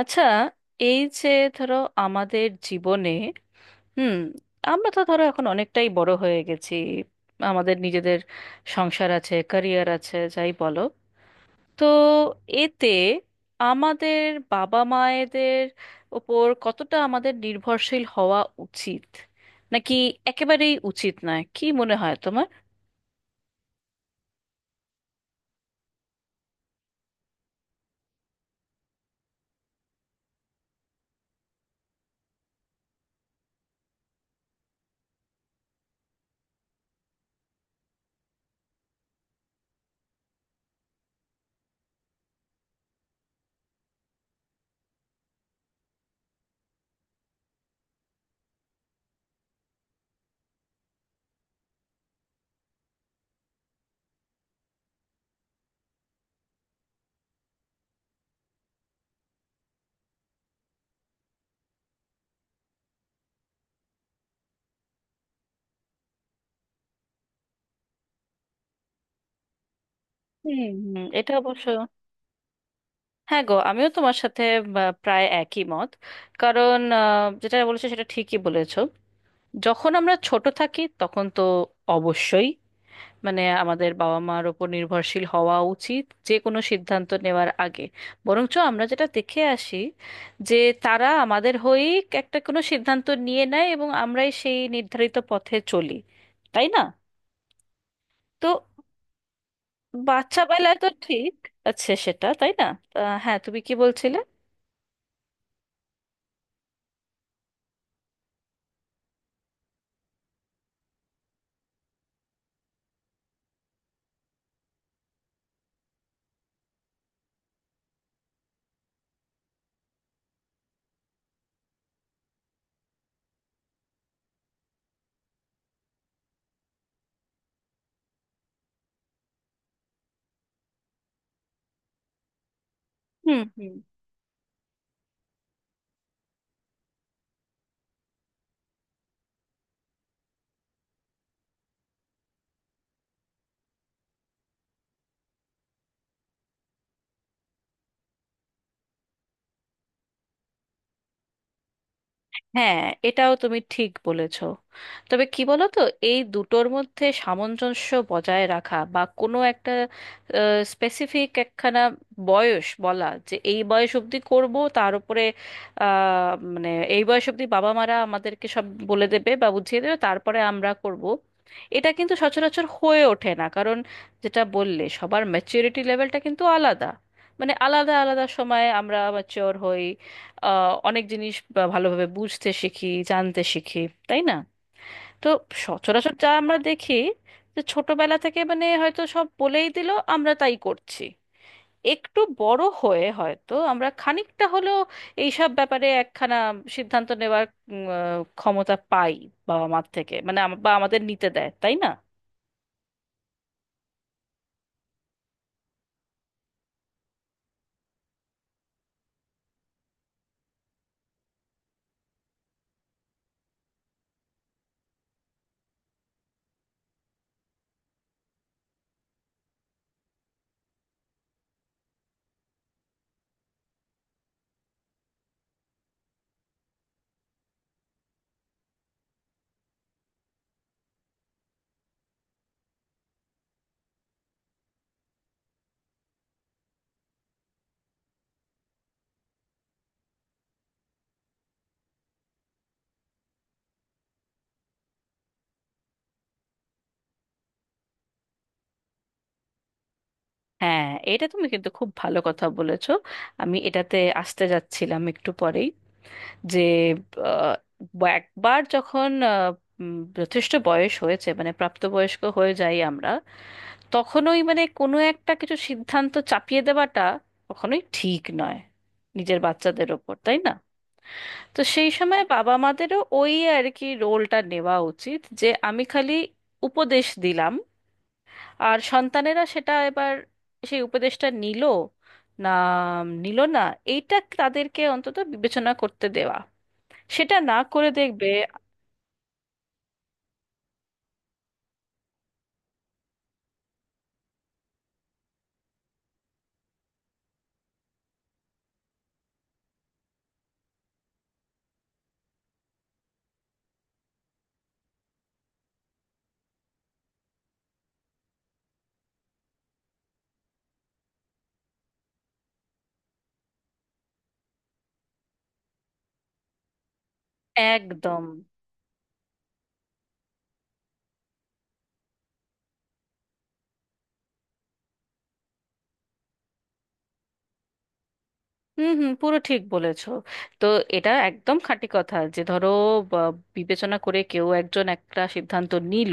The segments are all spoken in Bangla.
আচ্ছা, এই যে ধরো, আমাদের জীবনে হুম আমরা তো ধরো এখন অনেকটাই বড় হয়ে গেছি। আমাদের নিজেদের সংসার আছে, ক্যারিয়ার আছে, যাই বলো। তো এতে আমাদের বাবা মায়েদের ওপর কতটা আমাদের নির্ভরশীল হওয়া উচিত, নাকি একেবারেই উচিত নয়? কি মনে হয় তোমার? হুম, হুম, এটা অবশ্য। হ্যাঁ গো, আমিও তোমার সাথে প্রায় একই মত। কারণ যেটা বলেছো সেটা ঠিকই বলেছো। যখন আমরা ছোট থাকি তখন তো অবশ্যই, মানে আমাদের বাবা মার ওপর নির্ভরশীল হওয়া উচিত যে কোনো সিদ্ধান্ত নেওয়ার আগে। বরঞ্চ আমরা যেটা দেখে আসি, যে তারা আমাদের হয়েই একটা কোনো সিদ্ধান্ত নিয়ে নেয় এবং আমরাই সেই নির্ধারিত পথে চলি, তাই না? তো বাচ্চা বেলায় তো ঠিক আছে সেটা, তাই না? তা, হ্যাঁ, তুমি কি বলছিলে? হুম। হুম। হ্যাঁ, এটাও তুমি ঠিক বলেছ। তবে কি বলো তো, এই দুটোর মধ্যে সামঞ্জস্য বজায় রাখা বা কোনো একটা স্পেসিফিক একখানা বয়স বলা যে এই বয়স অবধি করব, তার উপরে মানে এই বয়স অবধি বাবা মারা আমাদেরকে সব বলে দেবে বা বুঝিয়ে দেবে তারপরে আমরা করব, এটা কিন্তু সচরাচর হয়ে ওঠে না। কারণ যেটা বললে, সবার ম্যাচুরিটি লেভেলটা কিন্তু আলাদা। মানে আলাদা আলাদা সময়ে আমরা ম্যাচিওর হই, অনেক জিনিস বা ভালোভাবে বুঝতে শিখি জানতে শিখি, তাই না? তো সচরাচর যা আমরা দেখি, যে ছোটবেলা থেকে মানে হয়তো সব বলেই দিল, আমরা তাই করছি। একটু বড় হয়ে হয়তো আমরা খানিকটা হলেও এইসব ব্যাপারে একখানা সিদ্ধান্ত নেওয়ার ক্ষমতা পাই বাবা মার থেকে, মানে বা আমাদের নিতে দেয়, তাই না? হ্যাঁ, এটা তুমি কিন্তু খুব ভালো কথা বলেছো। আমি এটাতে আসতে যাচ্ছিলাম একটু পরেই, যে আহ, একবার যখন যথেষ্ট বয়স হয়েছে, মানে প্রাপ্তবয়স্ক হয়ে যাই আমরা, তখনই মানে কোনো একটা কিছু সিদ্ধান্ত চাপিয়ে দেওয়াটা কখনোই ঠিক নয় নিজের বাচ্চাদের ওপর, তাই না? তো সেই সময় বাবা মাদেরও ওই আর কি রোলটা নেওয়া উচিত, যে আমি খালি উপদেশ দিলাম, আর সন্তানেরা সেটা এবার সেই উপদেশটা নিল, না নিল না, এইটা তাদেরকে অন্তত বিবেচনা করতে দেওয়া, সেটা না করে দেখবে। একদম। হুম, হুম, পুরো ঠিক বলেছো। তো এটা একদম খাঁটি কথা, যে ধরো বা, বিবেচনা করে কেউ একজন একটা সিদ্ধান্ত নিল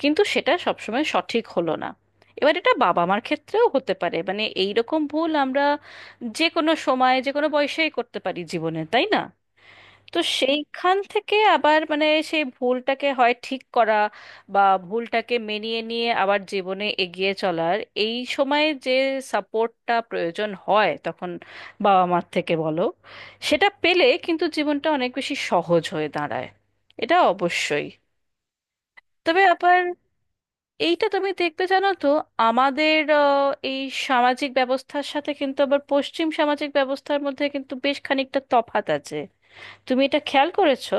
কিন্তু সেটা সবসময় সঠিক হলো না। এবার এটা বাবা মার ক্ষেত্রেও হতে পারে, মানে এই রকম ভুল আমরা যে কোনো সময় যে কোনো বয়সেই করতে পারি জীবনে, তাই না? তো সেইখান থেকে আবার মানে সেই ভুলটাকে হয় ঠিক করা, বা ভুলটাকে মেনিয়ে নিয়ে আবার জীবনে এগিয়ে চলার এই সময় যে সাপোর্টটা প্রয়োজন হয়, তখন বাবা মার থেকে বলো, সেটা পেলে কিন্তু জীবনটা অনেক বেশি সহজ হয়ে দাঁড়ায়। এটা অবশ্যই। তবে আবার এইটা তুমি দেখবে, জানো তো, আমাদের এই সামাজিক ব্যবস্থার সাথে কিন্তু আবার পশ্চিম সামাজিক ব্যবস্থার মধ্যে কিন্তু বেশ খানিকটা তফাত আছে। তুমি এটা খেয়াল করেছো?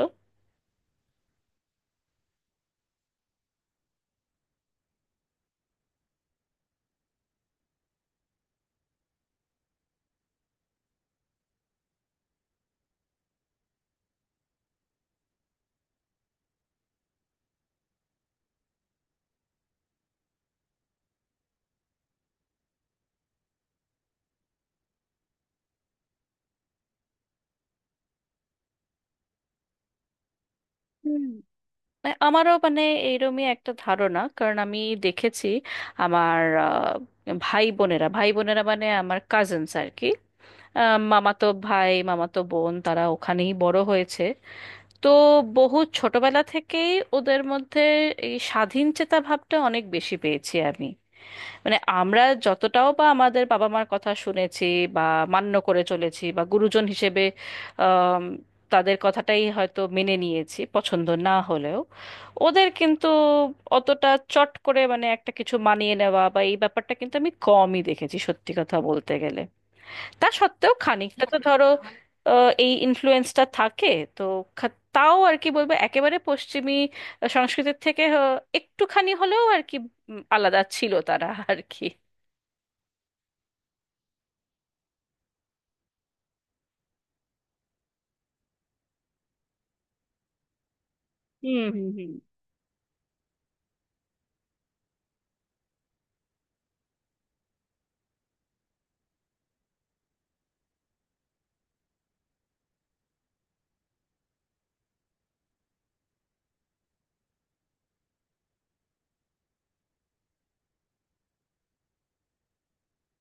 হুম। মানে আমারও মানে এইরমই একটা ধারণা, কারণ আমি দেখেছি আমার ভাই বোনেরা মানে আমার কাজিনস আর কি, মামাতো ভাই মামাতো বোন, তারা ওখানেই বড় হয়েছে। তো বহু ছোটবেলা থেকেই ওদের মধ্যে এই স্বাধীন চেতা ভাবটা অনেক বেশি পেয়েছি আমি। মানে আমরা যতটাও বা আমাদের বাবা মার কথা শুনেছি বা মান্য করে চলেছি, বা গুরুজন হিসেবে আম, তাদের কথাটাই হয়তো মেনে নিয়েছি পছন্দ না হলেও, ওদের কিন্তু অতটা চট করে মানে একটা কিছু মানিয়ে নেওয়া বা এই ব্যাপারটা কিন্তু আমি কমই দেখেছি, সত্যি কথা বলতে গেলে। তা সত্ত্বেও খানিকটা তো ধরো এই ইনফ্লুয়েন্সটা থাকে। তো তাও আর কি বলবো, একেবারে পশ্চিমী সংস্কৃতির থেকে একটুখানি হলেও আর কি আলাদা ছিল তারা আর কি। হুম, হুম, হুম,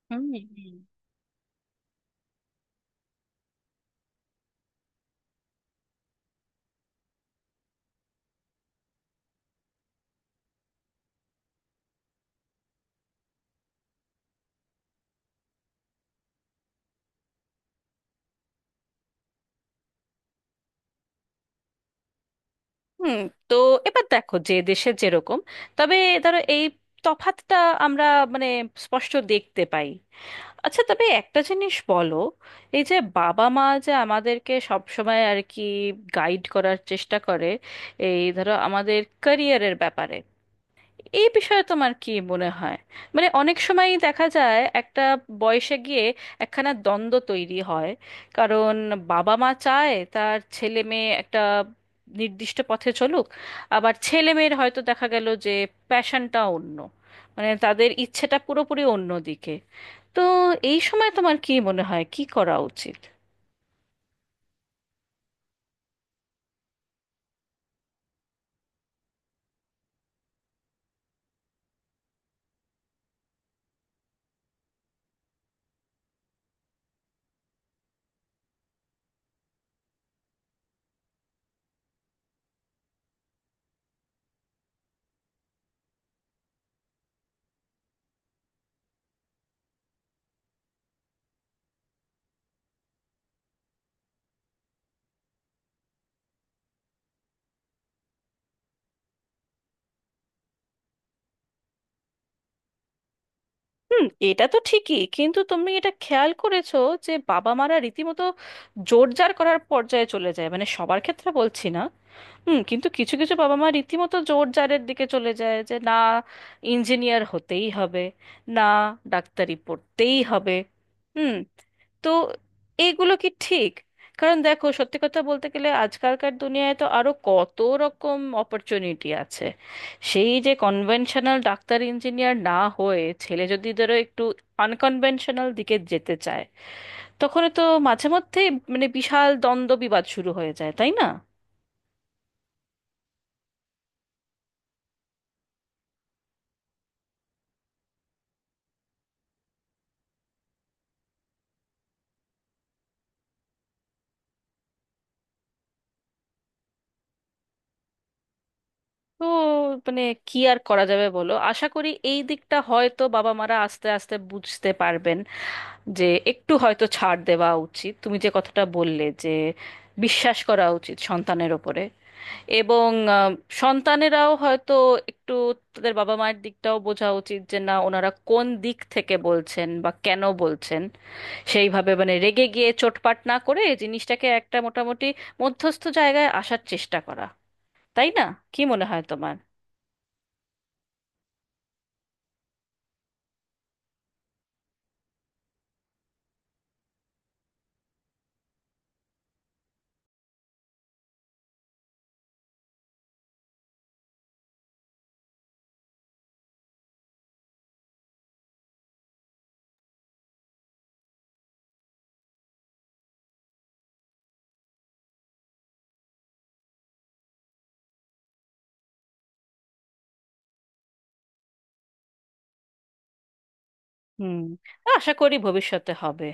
হুম, হুম, হুম। তো এবার দেখো যে দেশে যেরকম, তবে ধরো এই তফাতটা আমরা মানে স্পষ্ট দেখতে পাই। আচ্ছা, তবে একটা জিনিস বলো, এই যে বাবা মা যে আমাদেরকে সব সময় আর কি গাইড করার চেষ্টা করে, এই ধরো আমাদের ক্যারিয়ারের ব্যাপারে, এই বিষয়ে তোমার কি মনে হয়? মানে অনেক সময়ই দেখা যায় একটা বয়সে গিয়ে একখানা দ্বন্দ্ব তৈরি হয়, কারণ বাবা মা চায় তার ছেলে মেয়ে একটা নির্দিষ্ট পথে চলুক, আবার ছেলে মেয়ের হয়তো দেখা গেল যে প্যাশনটা অন্য, মানে তাদের ইচ্ছেটা পুরোপুরি অন্য দিকে। তো এই সময় তোমার কি মনে হয় কি করা উচিত? হুম, এটা তো ঠিকই, কিন্তু তুমি এটা খেয়াল করেছো যে বাবা মারা রীতিমতো জোর জার করার পর্যায়ে চলে যায়, মানে সবার ক্ষেত্রে বলছি না। হুম, কিন্তু কিছু কিছু বাবা মা রীতিমতো জোর জারের দিকে চলে যায় যে না, ইঞ্জিনিয়ার হতেই হবে, না, ডাক্তারি পড়তেই হবে। হুম। তো এইগুলো কি ঠিক? কারণ দেখো, সত্যি কথা বলতে গেলে আজকালকার দুনিয়ায় তো আরো কত রকম অপরচুনিটি আছে। সেই যে কনভেনশনাল ডাক্তার ইঞ্জিনিয়ার না হয়ে ছেলে যদি ধরো একটু আনকনভেনশনাল দিকে যেতে চায়, তখন তো মাঝে মধ্যেই মানে বিশাল দ্বন্দ্ব বিবাদ শুরু হয়ে যায়, তাই না? তো মানে কি আর করা যাবে বলো, আশা করি এই দিকটা হয়তো বাবা মারা আস্তে আস্তে বুঝতে পারবেন, যে একটু হয়তো ছাড় দেওয়া উচিত। তুমি যে কথাটা বললে যে বিশ্বাস করা উচিত সন্তানের ওপরে, এবং আহ, সন্তানেরাও হয়তো একটু তাদের বাবা মায়ের দিকটাও বোঝা উচিত, যে না, ওনারা কোন দিক থেকে বলছেন বা কেন বলছেন, সেইভাবে মানে রেগে গিয়ে চোটপাট না করে জিনিসটাকে একটা মোটামুটি মধ্যস্থ জায়গায় আসার চেষ্টা করা, তাই না? কি মনে হয় তোমার? হুম। আশা করি ভবিষ্যতে হবে।